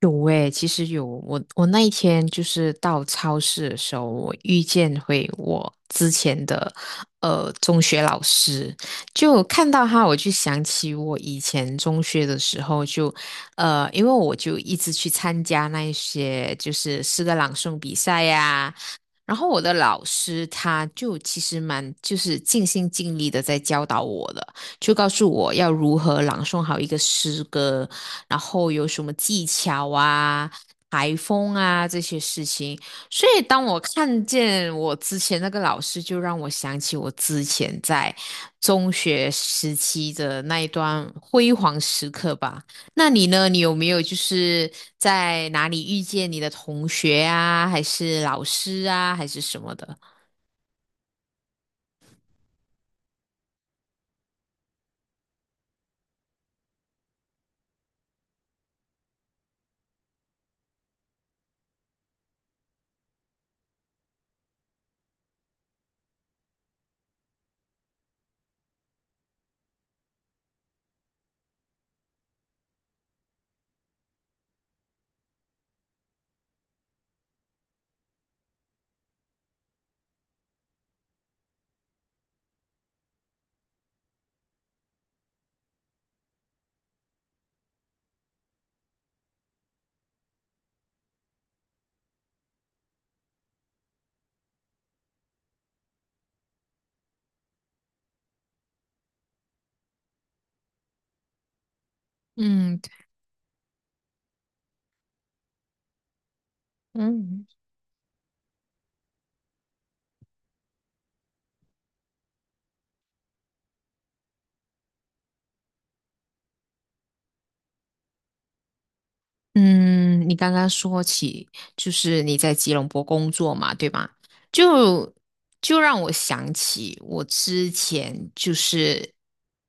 有诶，其实有我，我那一天就是到超市的时候，我遇见回我之前的中学老师，就看到他，我就想起我以前中学的时候就，因为我就一直去参加那一些就是诗歌朗诵比赛呀、然后我的老师他就其实蛮就是尽心尽力的在教导我的，就告诉我要如何朗诵好一个诗歌，然后有什么技巧啊、台风啊这些事情。所以当我看见我之前那个老师，就让我想起我之前在中学时期的那一段辉煌时刻吧。那你呢？你有没有就是在哪里遇见你的同学啊，还是老师啊，还是什么的？嗯嗯，嗯，你刚刚说起就是你在吉隆坡工作嘛，对吗？就就让我想起我之前就是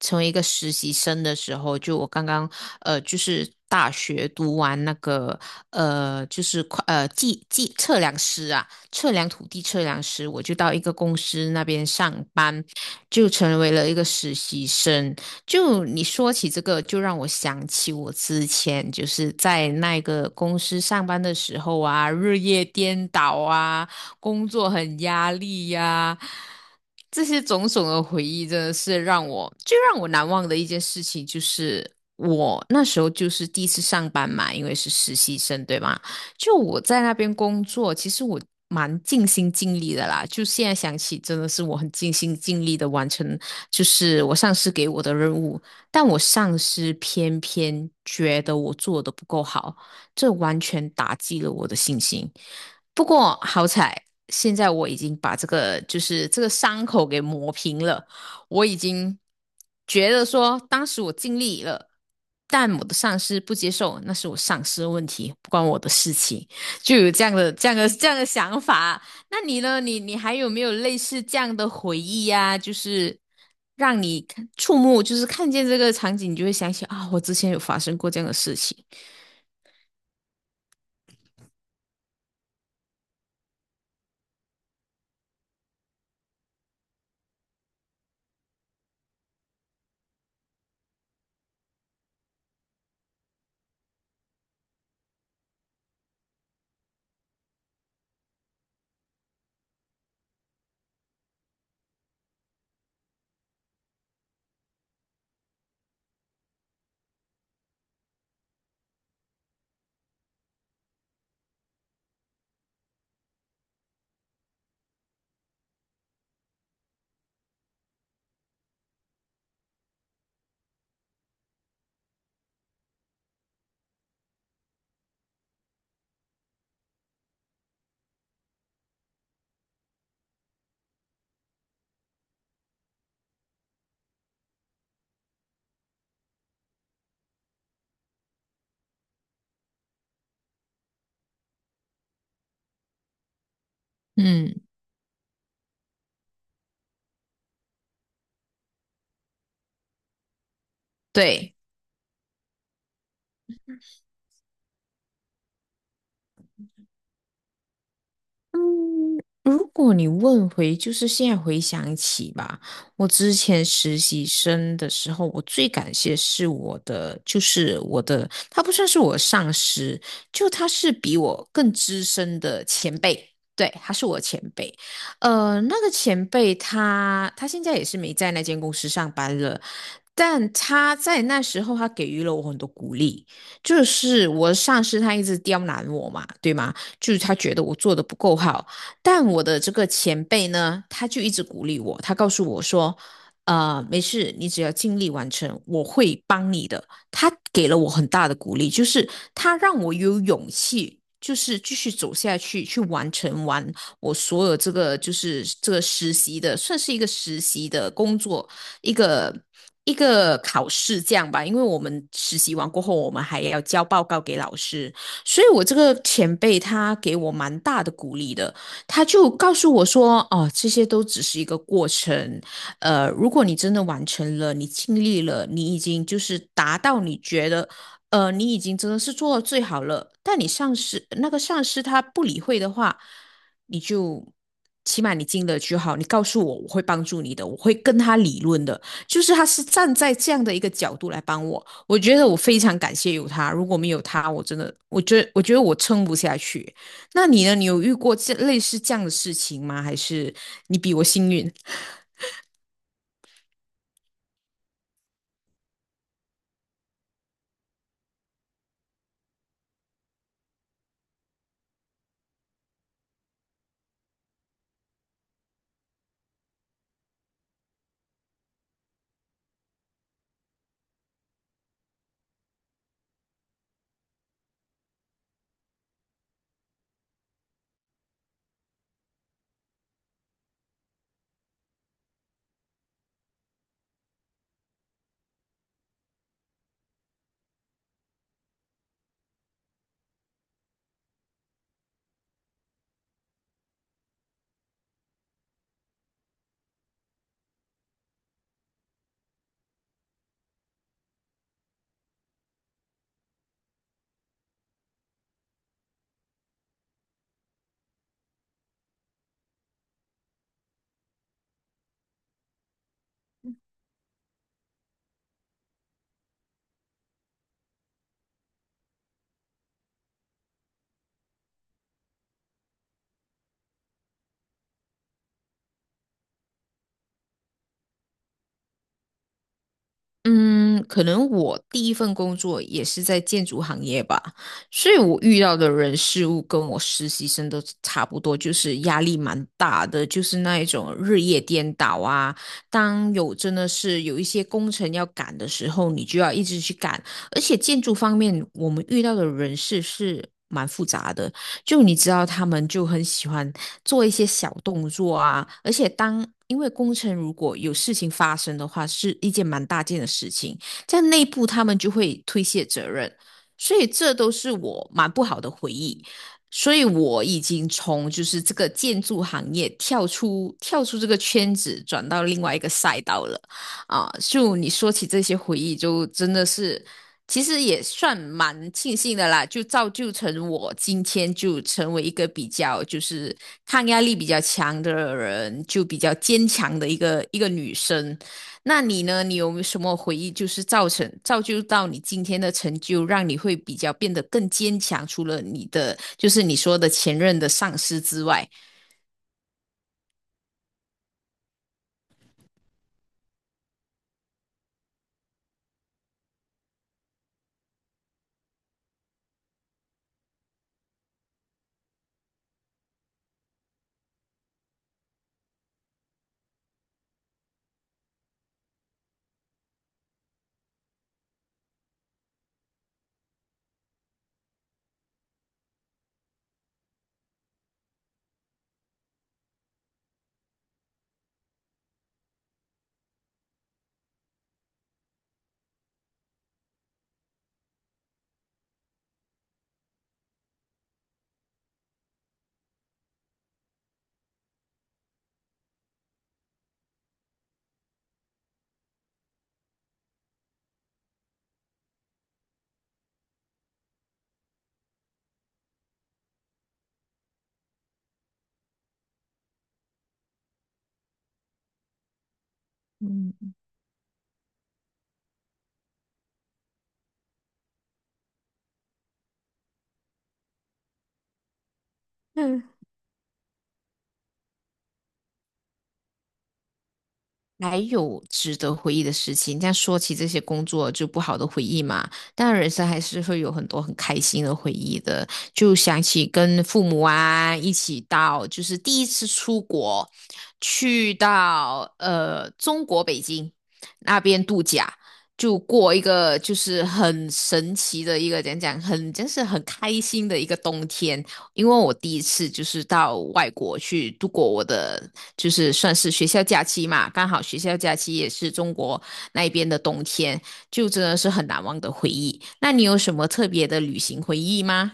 成为一个实习生的时候，就我刚刚就是大学读完那个就是会呃计计测量师啊，测量土地测量师，我就到一个公司那边上班，就成为了一个实习生。就你说起这个，就让我想起我之前就是在那个公司上班的时候啊，日夜颠倒啊，工作很压力呀、这些种种的回忆真的是让我难忘的一件事情，就是我那时候就是第一次上班嘛，因为是实习生，对吗？就我在那边工作，其实我蛮尽心尽力的啦。就现在想起，真的是我很尽心尽力的完成，就是我上司给我的任务。但我上司偏偏觉得我做的不够好，这完全打击了我的信心。不过好彩，现在我已经把这个伤口给磨平了。我已经觉得说，当时我尽力了，但我的上司不接受，那是我上司的问题，不关我的事情，就有这样的、这样的、这样的想法。那你呢？你还有没有类似这样的回忆呀、就是让你看触目，就是看见这个场景，你就会想起啊，我之前有发生过这样的事情。嗯，对。嗯，如果你问回，就是现在回想起吧，我之前实习生的时候，我最感谢是我的，就是我的，他不算是我的上司，就他是比我更资深的前辈，对，他是我前辈。那个前辈他现在也是没在那间公司上班了，但他在那时候他给予了我很多鼓励，就是我的上司他一直刁难我嘛，对吗？就是他觉得我做的不够好。但我的这个前辈呢，他就一直鼓励我，他告诉我说，没事，你只要尽力完成，我会帮你的。他给了我很大的鼓励，就是他让我有勇气。就是继续走下去，去完成我所有这个实习的，算是一个实习的工作，一个一个考试这样吧。因为我们实习完过后，我们还要交报告给老师，所以我这个前辈他给我蛮大的鼓励的，他就告诉我说，哦，这些都只是一个过程，如果你真的完成了，你尽力了，你已经就是达到你觉得，你已经真的是做到最好了，但你上司那个上司他不理会的话，你就。起码你尽了就好，你告诉我，我会帮助你的，我会跟他理论的，就是他是站在这样的一个角度来帮我，我觉得我非常感谢有他，如果没有他，我真的，我觉得我撑不下去。那你呢？你有遇过这类似这样的事情吗？还是你比我幸运？嗯，可能我第一份工作也是在建筑行业吧，所以我遇到的人事物跟我实习生都差不多，就是压力蛮大的，就是那一种日夜颠倒啊。当有真的是有一些工程要赶的时候，你就要一直去赶，而且建筑方面我们遇到的人事是蛮复杂的，就你知道，他们就很喜欢做一些小动作啊，而且当因为工程如果有事情发生的话，是一件蛮大件的事情，在内部他们就会推卸责任，所以这都是我蛮不好的回忆。所以我已经从就是这个建筑行业跳出这个圈子，转到另外一个赛道了啊！就你说起这些回忆，就真的是其实也算蛮庆幸的啦，就造就我今天就成为一个比较就是抗压力比较强的人，就比较坚强的一个女生。那你呢？你有没有什么回忆，就是造就到你今天的成就，让你会比较变得更坚强？除了你的就是你说的前任的上司之外，嗯，还有值得回忆的事情。但说起这些工作就不好的回忆嘛，但人生还是会有很多很开心的回忆的。就想起跟父母啊一起到，就是第一次出国，去到中国北京那边度假。就过一个就是很神奇的一个，讲讲很，真是很开心的一个冬天。因为我第一次就是到外国去度过我的，就是算是学校假期嘛，刚好学校假期也是中国那边的冬天，就真的是很难忘的回忆。那你有什么特别的旅行回忆吗？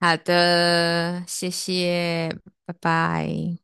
好的，谢谢，拜拜。